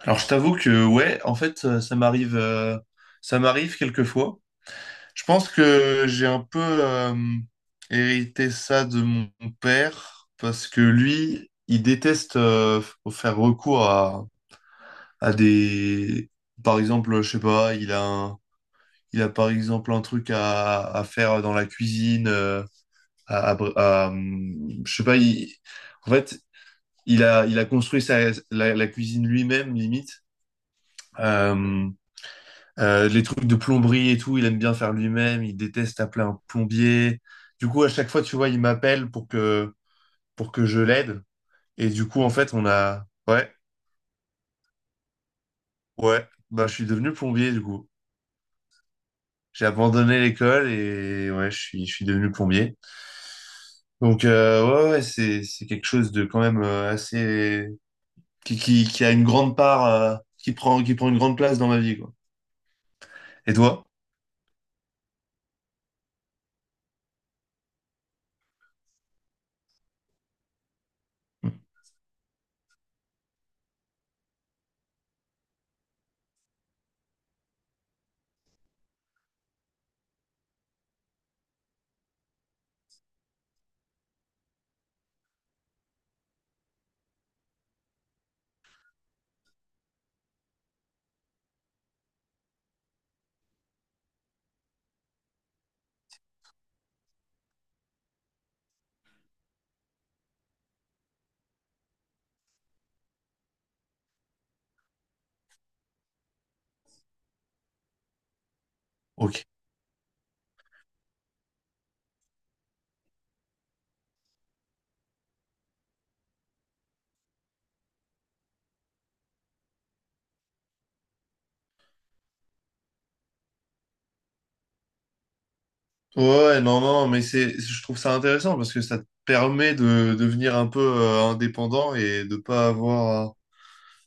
Alors je t'avoue que ouais, en fait ça m'arrive ça m'arrive quelquefois. Je pense que j'ai un peu hérité ça de mon père parce que lui, il déteste faire recours à des par exemple, je sais pas, il a par exemple un truc à faire dans la cuisine je sais pas, en fait, il a construit la cuisine lui-même limite. Euh, les trucs de plomberie et tout, il aime bien faire lui-même, il déteste appeler un plombier. Du coup, à chaque fois, tu vois, il m'appelle pour que je l'aide. Et du coup, en fait, on a... Ouais, ouais, bah, je suis devenu plombier, du coup. J'ai abandonné l'école et ouais, je suis devenu plombier. Donc, ouais, ouais, c'est quelque chose de quand même assez... qui a une grande part, qui prend une grande place dans ma vie, quoi. Et toi? Hmm. Ok. Ouais, ouais, non, non, mais c'est, je trouve ça intéressant parce que ça te permet de devenir un peu indépendant et de pas avoir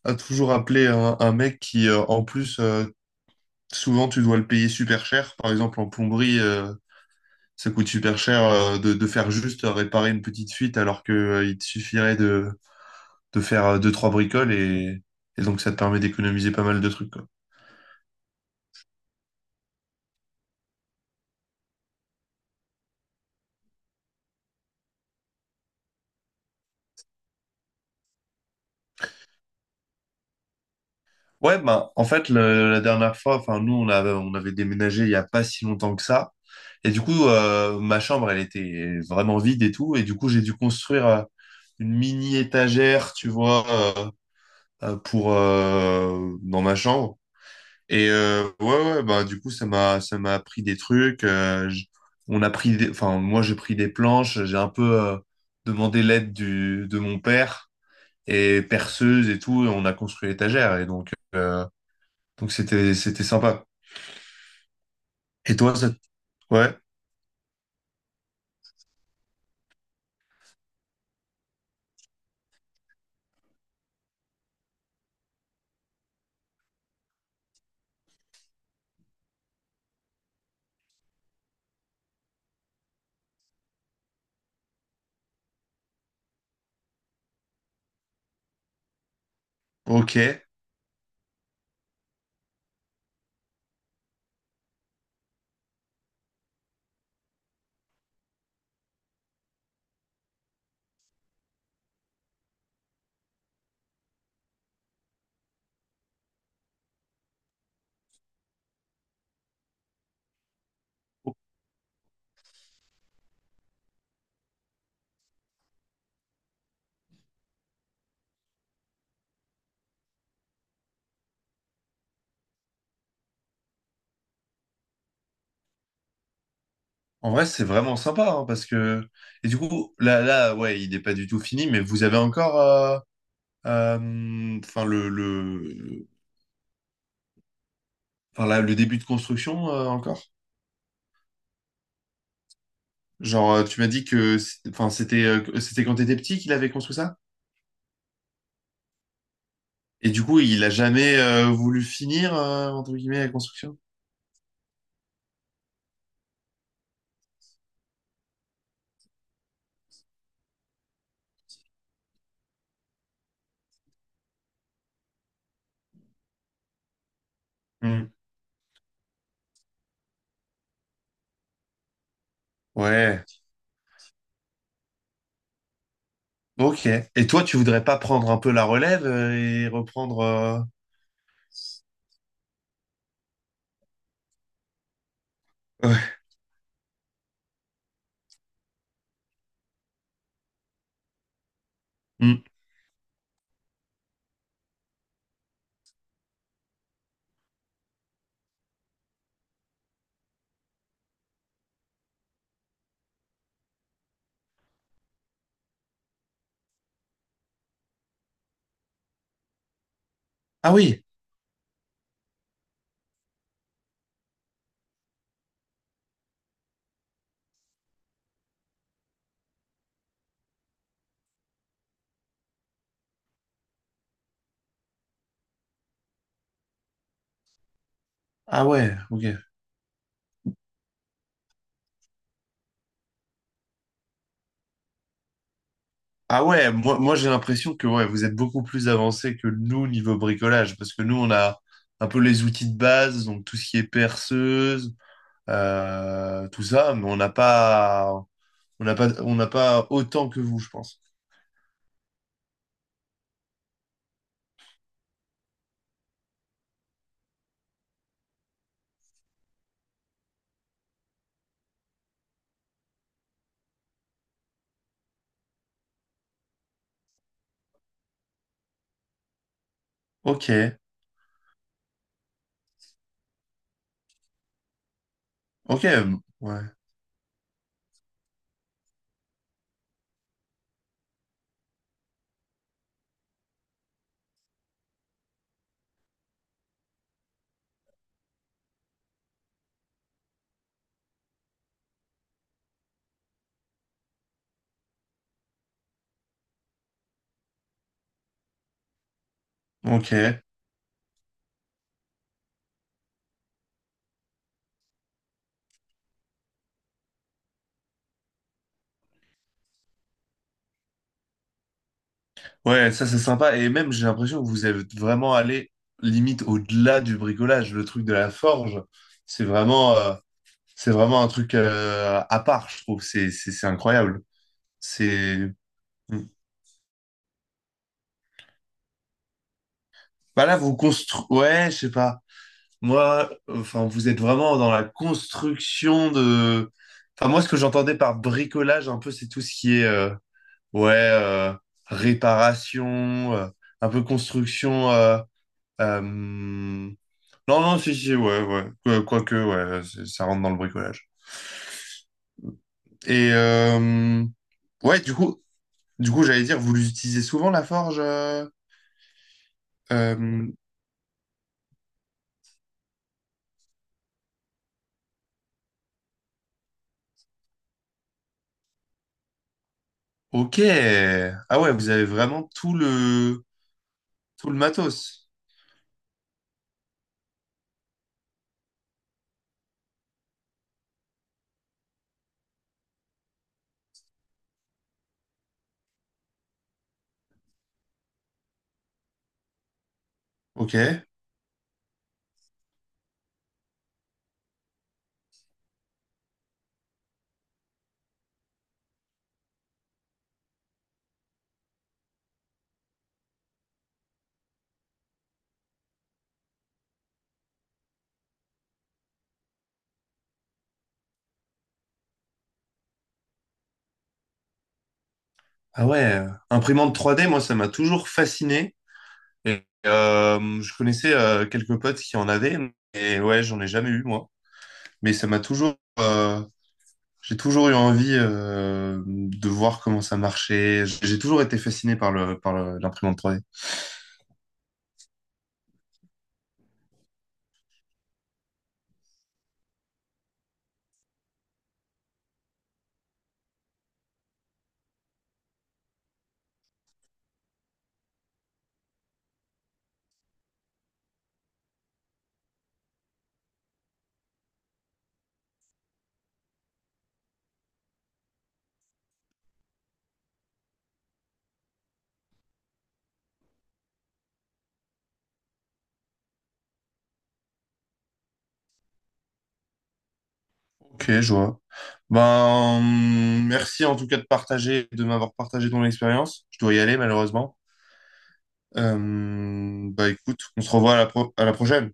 à toujours appeler un mec qui, en plus, souvent tu dois le payer super cher. Par exemple, en plomberie, ça coûte super cher de faire juste réparer une petite fuite alors que il te suffirait de faire deux, trois bricoles et donc ça te permet d'économiser pas mal de trucs, quoi. Ouais, ben, en fait, la dernière fois, enfin, nous, on avait déménagé il y a pas si longtemps que ça. Et du coup, ma chambre, elle était vraiment vide et tout. Et du coup, j'ai dû construire une mini étagère, tu vois, euh, pour, dans ma chambre. Et ouais, ouais, ben, du coup, ça m'a appris des trucs. On a pris des, enfin, moi, j'ai pris des planches. J'ai un peu demandé l'aide de mon père et perceuse et tout. Et on a construit l'étagère. Et donc c'était sympa. Et toi, ça... ouais, ok. En vrai, c'est vraiment sympa hein, parce que et du coup là ouais, il n'est pas du tout fini, mais vous avez encore enfin le enfin là, le début de construction encore. Genre tu m'as dit que enfin c'était c'était quand t'étais petit qu'il avait construit ça et du coup il a jamais voulu finir entre guillemets la construction. Hmm. Ouais, ok. Et toi, tu voudrais pas prendre un peu la relève et reprendre Ouais. Hmm. Ah oui, Ah ouais, ok. Ah ouais, moi, moi j'ai l'impression que ouais, vous êtes beaucoup plus avancé que nous niveau bricolage, parce que nous on a un peu les outils de base, donc tout ce qui est perceuse, tout ça, mais on n'a pas autant que vous, je pense. Ok, ok, ouais, ok, ouais, ça c'est sympa. Et même j'ai l'impression que vous êtes vraiment allé limite au-delà du bricolage, le truc de la forge, c'est vraiment, euh, c'est vraiment un truc à part, je trouve. C'est incroyable. C'est. Bah là, vous construisez. Ouais, je sais pas. Moi, enfin, vous êtes vraiment dans la construction de. Enfin, moi, ce que j'entendais par bricolage, un peu, c'est tout ce qui est. Ouais, réparation, un peu construction. Non, non, si, si, ouais, ouais. Quoique, ouais, ça rentre dans le bricolage. Et. Ouais, du coup, j'allais dire, vous l'utilisez souvent, la forge? Euh, Ok. Ah ouais, vous avez vraiment tout le matos. Ok. Ah ouais. Imprimante 3D, moi, ça m'a toujours fasciné. Et je connaissais quelques potes qui en avaient, et ouais, j'en ai jamais eu moi. Mais ça m'a toujours, j'ai toujours eu envie de voir comment ça marchait. J'ai toujours été fasciné par l'imprimante 3D. Ok, je vois. Ben, merci en tout cas de partager, de m'avoir partagé ton expérience. Je dois y aller malheureusement. Bah écoute, on se revoit à à la prochaine.